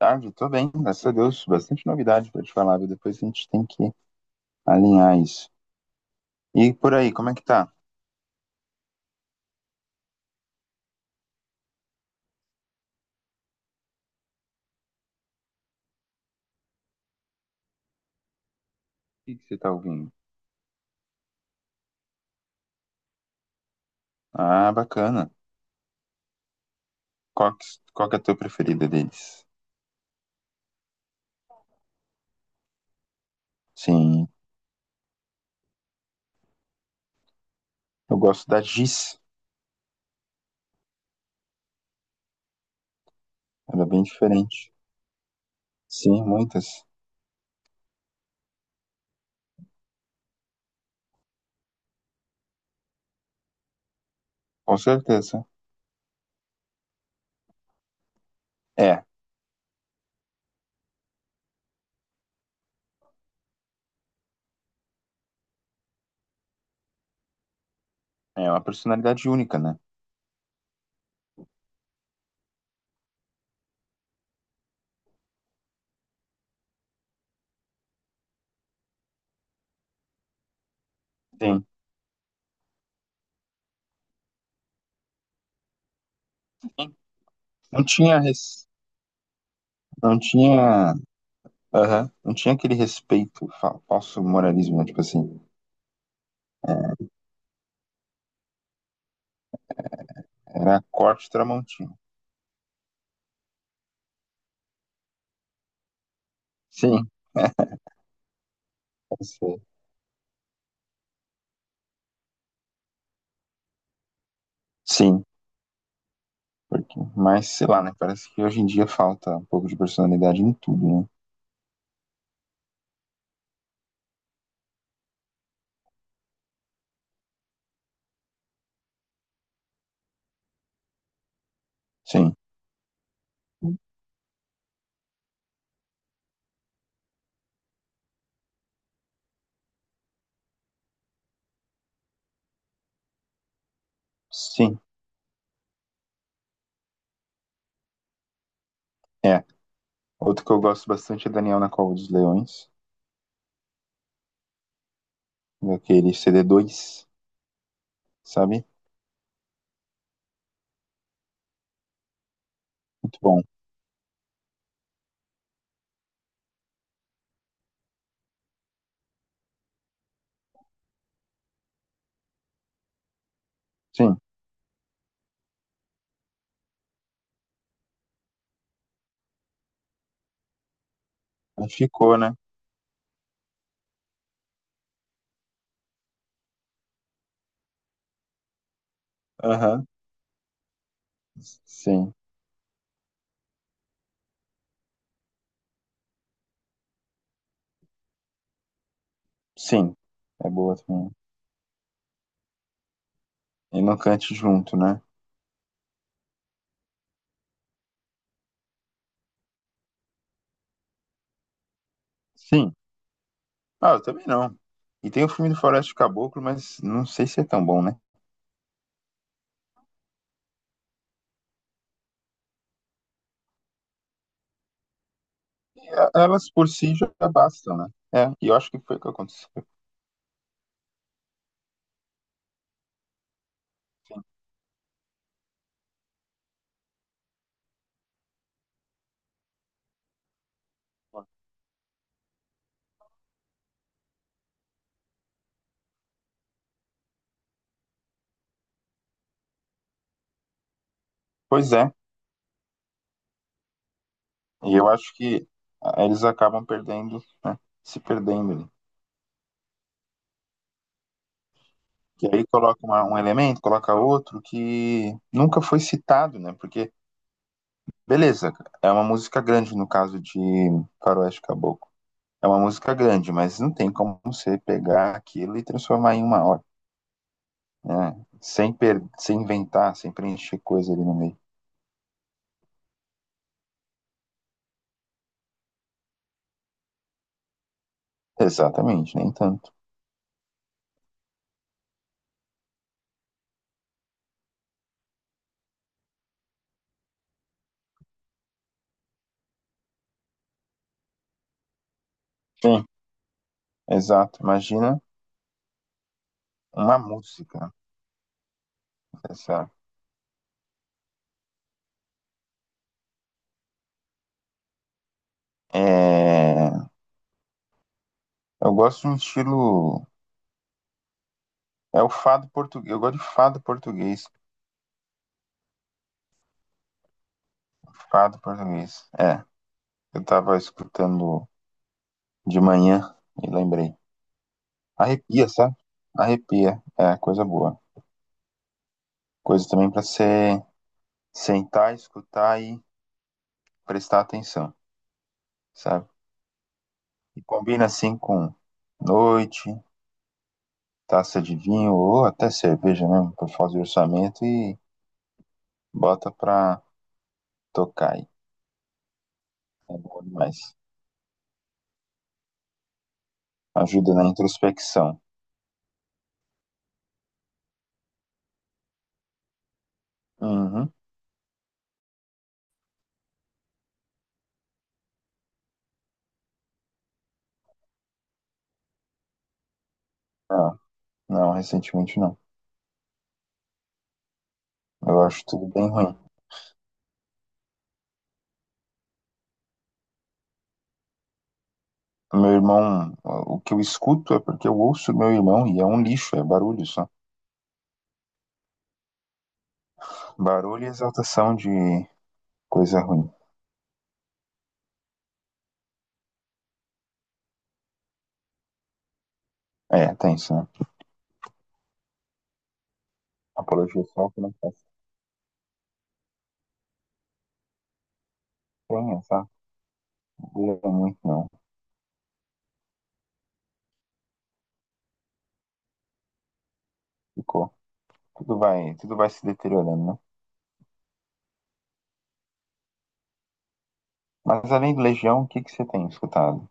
Tarde, tô bem, graças a Deus. Bastante novidade pra te falar, viu? Depois a gente tem que alinhar isso. E por aí, como é que tá? O que você tá ouvindo? Ah, bacana. Qual que, qual que é a tua preferida deles? Sim, eu gosto da Giz. Ela é bem diferente. Sim, muitas. Com certeza. É, é uma personalidade única, né? Sim. Não tinha, res- não tinha, aham, não tinha aquele respeito, falso moralismo, né? Tipo assim, era corte tramontina. Sim, pode ser. Sim. Porque, mas sei lá, né? Parece que hoje em dia falta um pouco de personalidade em tudo, né? Sim. Sim, é. Outro que eu gosto bastante é Daniel na Cova dos Leões, daquele cd dois, sabe? Muito bom. Sim, ficou, né? Aham. Sim, sim. É boa também. E não cante junto, né? Sim. Ah, eu também não. E tem o filme do Floresta do Caboclo, mas não sei se é tão bom, né? Elas por si já bastam, né? É, e eu acho que foi o que aconteceu. Pois é. E eu acho que eles acabam perdendo, né? Se perdendo ali. Que aí coloca um elemento, coloca outro que nunca foi citado, né? Porque, beleza, é uma música grande no caso de Faroeste Caboclo. É uma música grande, mas não tem como você pegar aquilo e transformar em uma hora, né? Sem inventar, sem preencher coisa ali no meio. Exatamente, nem tanto. Sim, exato. Imagina uma música, né? Essa... É... Eu gosto de um estilo. É o fado português. Eu gosto de fado português. Fado português. É, eu tava escutando de manhã e lembrei. Arrepia, sabe? Arrepia. É, coisa boa. Coisa também pra você sentar, escutar e prestar atenção, sabe? E combina assim com noite, taça de vinho ou até cerveja, né? Por fazer orçamento e bota pra tocar aí. É bom demais. Ajuda na introspecção. Uhum. Não, não, recentemente não. Eu acho tudo bem ruim. Meu irmão, o que eu escuto é porque eu ouço meu irmão e é um lixo, é barulho só. Barulho e exaltação de coisa ruim. É, tem isso, né? Apologia só que não faz tem essa boa muito não. Ficou. Tudo vai se deteriorando, né? Mas além do Legião, o que que você tem escutado?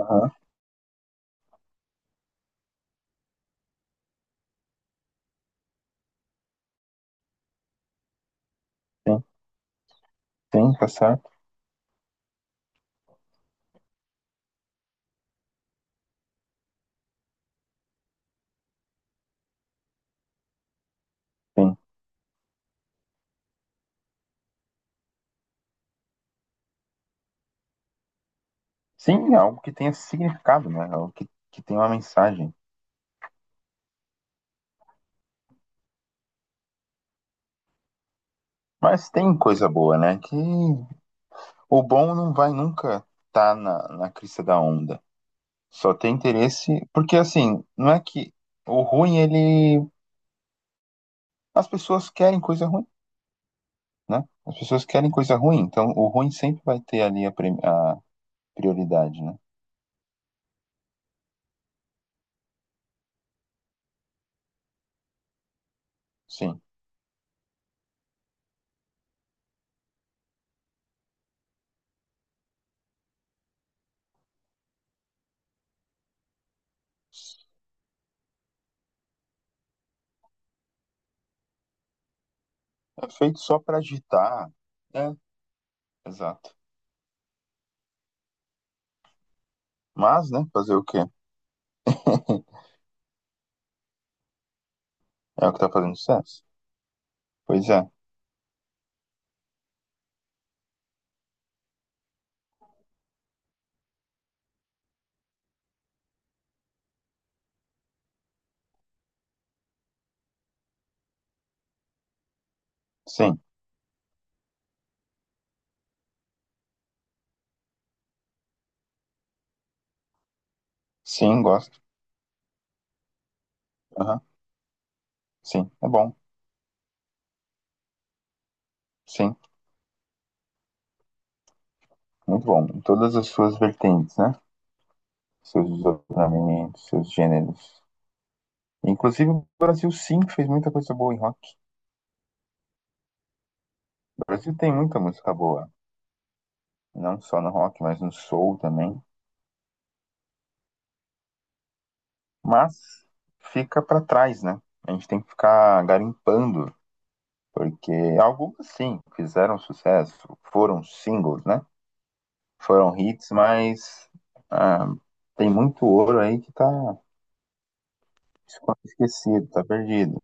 Aham, tem, tem, tá certo? Tem. Sim, é algo que tenha significado, né? É algo que tenha uma mensagem. Mas tem coisa boa, né? Que o bom não vai nunca estar na crista da onda. Só tem interesse. Porque, assim, não é que o ruim, ele. As pessoas querem coisa ruim, né? As pessoas querem coisa ruim. Então, o ruim sempre vai ter ali a prioridade, né? Sim. É feito só pra agitar. É, exato. Mas, né? Fazer o quê? É o que tá fazendo sucesso. Pois é. Sim. Sim, gosto. Aham. Sim, é bom. Sim, muito bom. Em todas as suas vertentes, né? Seus desdobramentos, seus gêneros. Inclusive, o Brasil sim fez muita coisa boa em rock. O Brasil tem muita música boa, não só no rock, mas no soul também. Mas fica para trás, né? A gente tem que ficar garimpando, porque algumas sim fizeram sucesso, foram singles, né? Foram hits, mas ah, tem muito ouro aí que tá esquecido, tá perdido.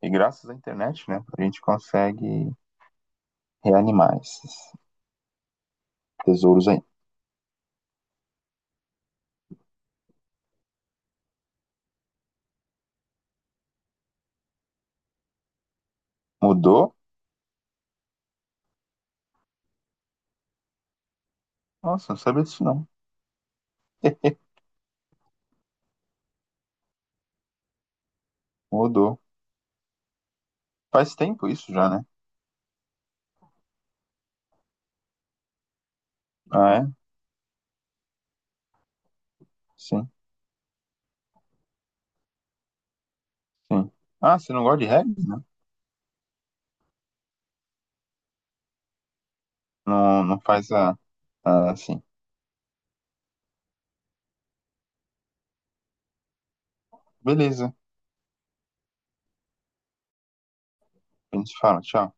E graças à internet, né, a gente consegue reanimar esses tesouros aí. Mudou? Nossa, não sabia disso não. Eh, mudou. Faz tempo isso já, né? Ah, é? Sim, sim. Ah, você não gosta de regras, né? Não, não faz a assim. Beleza, a gente fala, tchau.